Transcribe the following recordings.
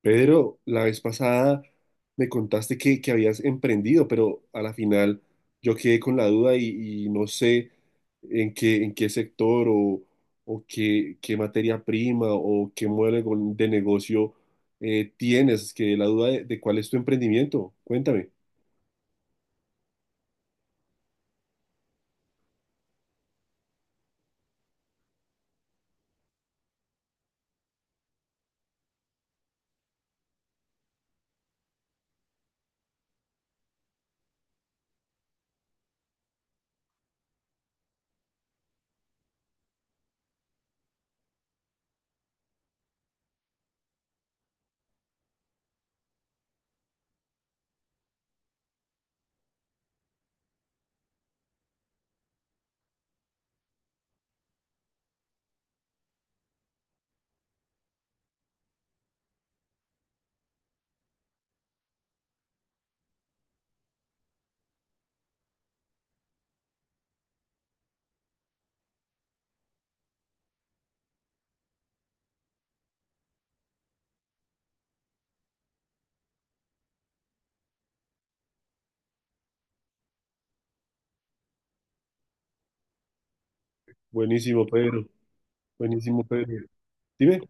Pedro, la vez pasada me contaste que habías emprendido, pero a la final yo quedé con la duda y no sé en qué sector o qué materia prima o qué modelo de negocio tienes. Es la duda de cuál es tu emprendimiento. Cuéntame. Buenísimo, Pedro. Buenísimo, Pedro. Dime.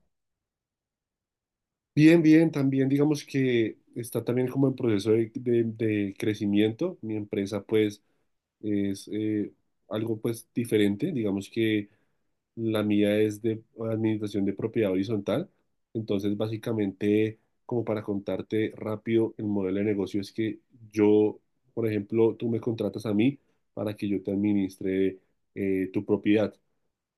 Bien, bien, también digamos que está también como en proceso de crecimiento. Mi empresa pues es algo pues diferente, digamos que la mía es de administración de propiedad horizontal, entonces básicamente como para contarte rápido el modelo de negocio es que yo, por ejemplo, tú me contratas a mí para que yo te administre tu propiedad.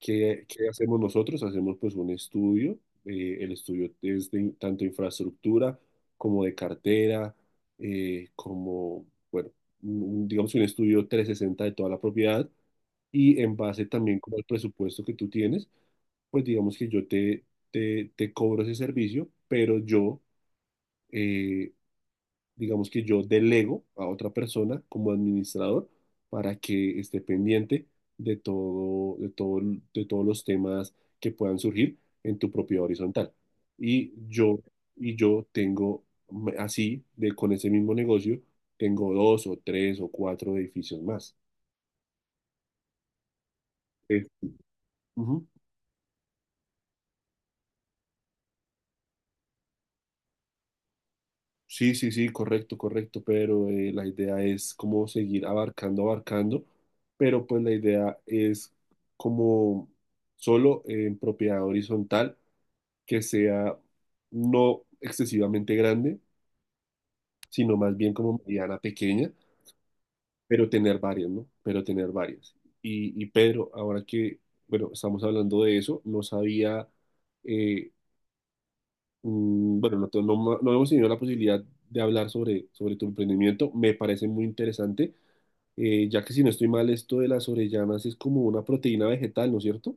¿Qué, qué hacemos nosotros? Hacemos pues un estudio. El estudio es de tanto infraestructura como de cartera, como, bueno, digamos un estudio 360 de toda la propiedad y en base también como al presupuesto que tú tienes, pues digamos que yo te cobro ese servicio, pero yo, eh, digamos que yo delego a otra persona como administrador para que esté pendiente de todo, de todo, de todos los temas que puedan surgir en tu propio horizontal. Y yo, y yo tengo así, de, con ese mismo negocio, tengo dos o tres o cuatro edificios más. Eh, ujú. Sí, sí, sí, correcto, correcto, pero la idea es como seguir abarcando, abarcando, pero pues la idea es como solo en propiedad horizontal que sea no excesivamente grande, sino más bien como mediana pequeña, pero tener varias, ¿no? Pero tener varias. Y Pedro, ahora que, bueno, estamos hablando de eso, no sabía eh, Mm, bueno, no hemos tenido la posibilidad de hablar sobre, sobre tu emprendimiento. Me parece muy interesante, ya que si no estoy mal, esto de las orellanas es como una proteína vegetal, ¿no es cierto?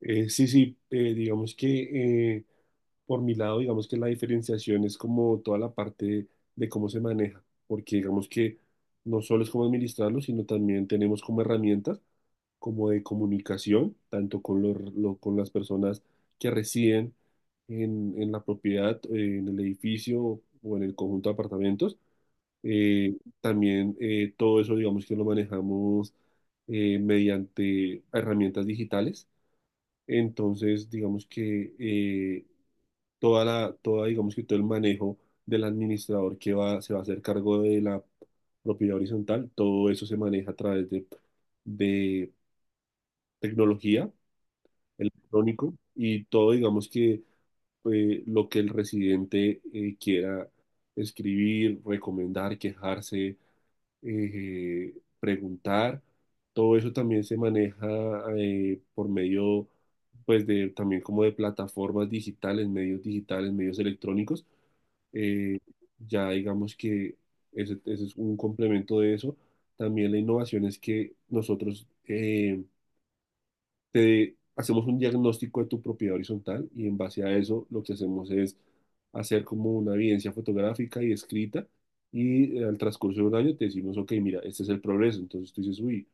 Sí, sí, digamos que por mi lado, digamos que la diferenciación es como toda la parte de cómo se maneja, porque digamos que no solo es cómo administrarlo, sino también tenemos como herramientas. Como de comunicación, tanto con, con las personas que residen en la propiedad, en el edificio o en el conjunto de apartamentos. También todo eso, digamos que lo manejamos mediante herramientas digitales. Entonces, digamos que toda la, toda, digamos que todo el manejo del administrador que va, se va a hacer cargo de la propiedad horizontal, todo eso se maneja a través de tecnología electrónico y todo, digamos que lo que el residente quiera escribir, recomendar, quejarse, eh, preguntar, todo eso también se maneja por medio, pues, de también como de plataformas digitales, medios electrónicos. Eh, ya digamos que ese es un complemento de eso. También la innovación es que nosotros... te hacemos un diagnóstico de tu propiedad horizontal y en base a eso lo que hacemos es hacer como una evidencia fotográfica y escrita y al transcurso de un año te decimos, ok, mira, este es el progreso. Entonces tú dices, uy,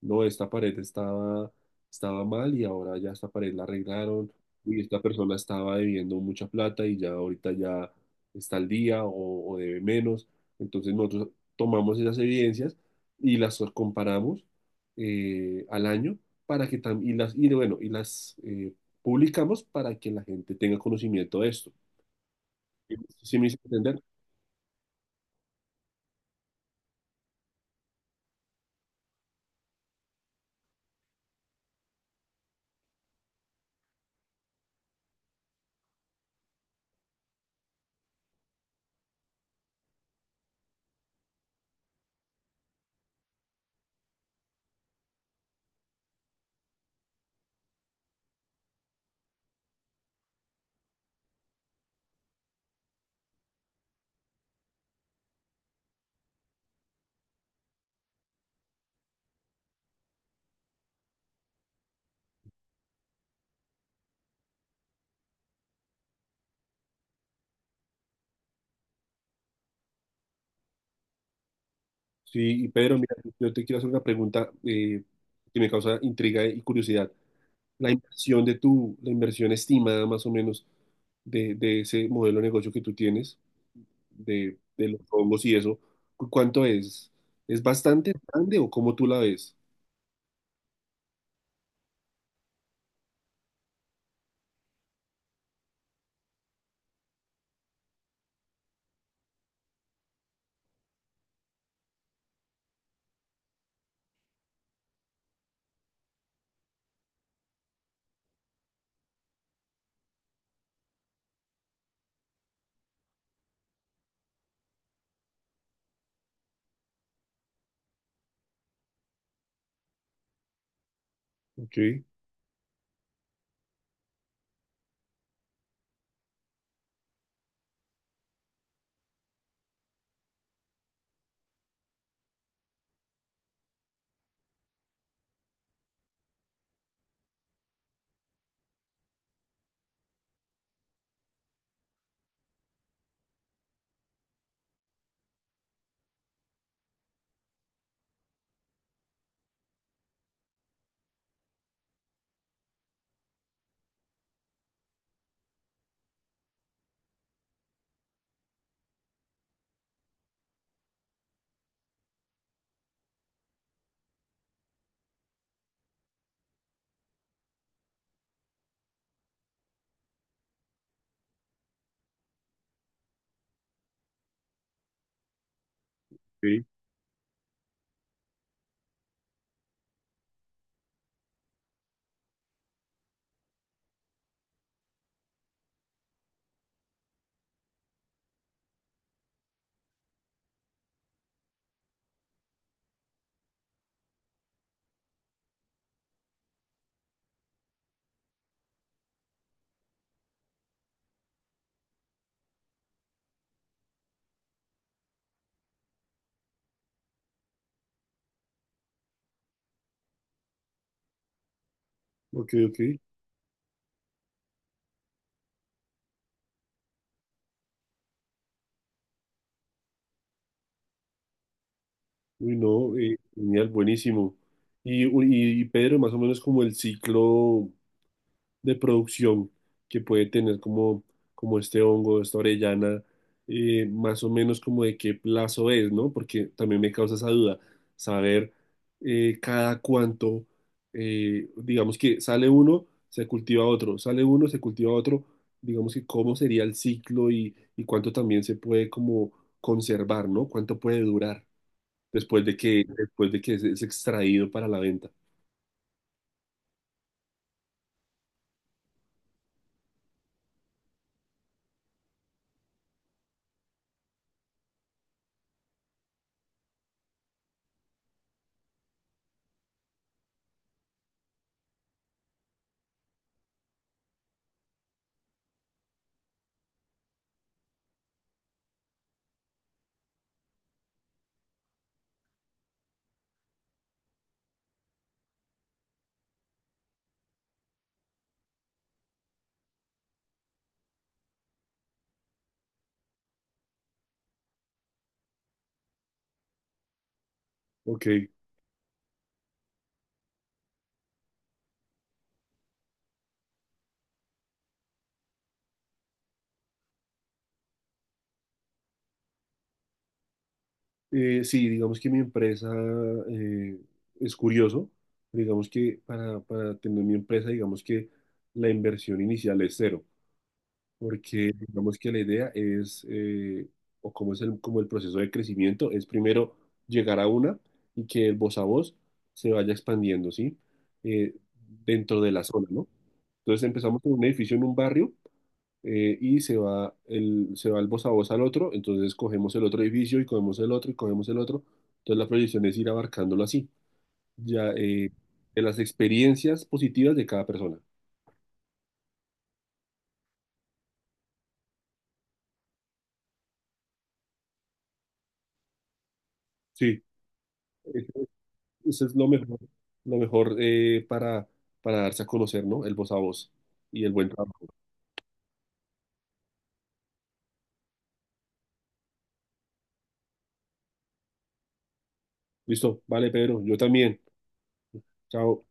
no, esta pared estaba mal y ahora ya esta pared la arreglaron y esta persona estaba debiendo mucha plata y ya ahorita ya está al día o debe menos. Entonces nosotros tomamos esas evidencias y las comparamos al año para y las, y bueno, y las publicamos para que la gente tenga conocimiento de esto. ¿Sí me hice entender? Sí, y Pedro, mira, yo te quiero hacer una pregunta que me causa intriga y curiosidad. La inversión de tu, la inversión estimada más o menos de ese modelo de negocio que tú tienes, de los hongos y eso, ¿cuánto es? ¿Es bastante grande o cómo tú la ves? Ok, ok, ok, ok. Uy, no, genial, buenísimo. Y, y Pedro, más o menos como el ciclo de producción que puede tener como, como este hongo, esta orellana, más o menos como de qué plazo es, ¿no? Porque también me causa esa duda, saber cada cuánto, digamos que sale uno, se cultiva otro, sale uno, se cultiva otro, digamos que cómo sería el ciclo y cuánto también se puede como conservar, ¿no? ¿Cuánto puede durar? Después de que, después de que es extraído para la venta. Ok, sí, digamos que mi empresa eh, es curioso, digamos que para tener mi empresa, digamos que la inversión inicial es cero, porque digamos que la idea es, o como es el, como el proceso de crecimiento, es primero llegar a una y que el voz a voz se vaya expandiendo, ¿sí? Eh, dentro de la zona, ¿no? Entonces empezamos con un edificio en un barrio y se va el voz a voz al otro, entonces cogemos el otro edificio y cogemos el otro y cogemos el otro. Entonces la proyección es ir abarcándolo así, ya de las experiencias positivas de cada persona. Sí, eso es eso es lo mejor para darse a conocer, ¿no? El voz a voz y el buen trabajo. Listo, vale, Pedro, yo también. Chao.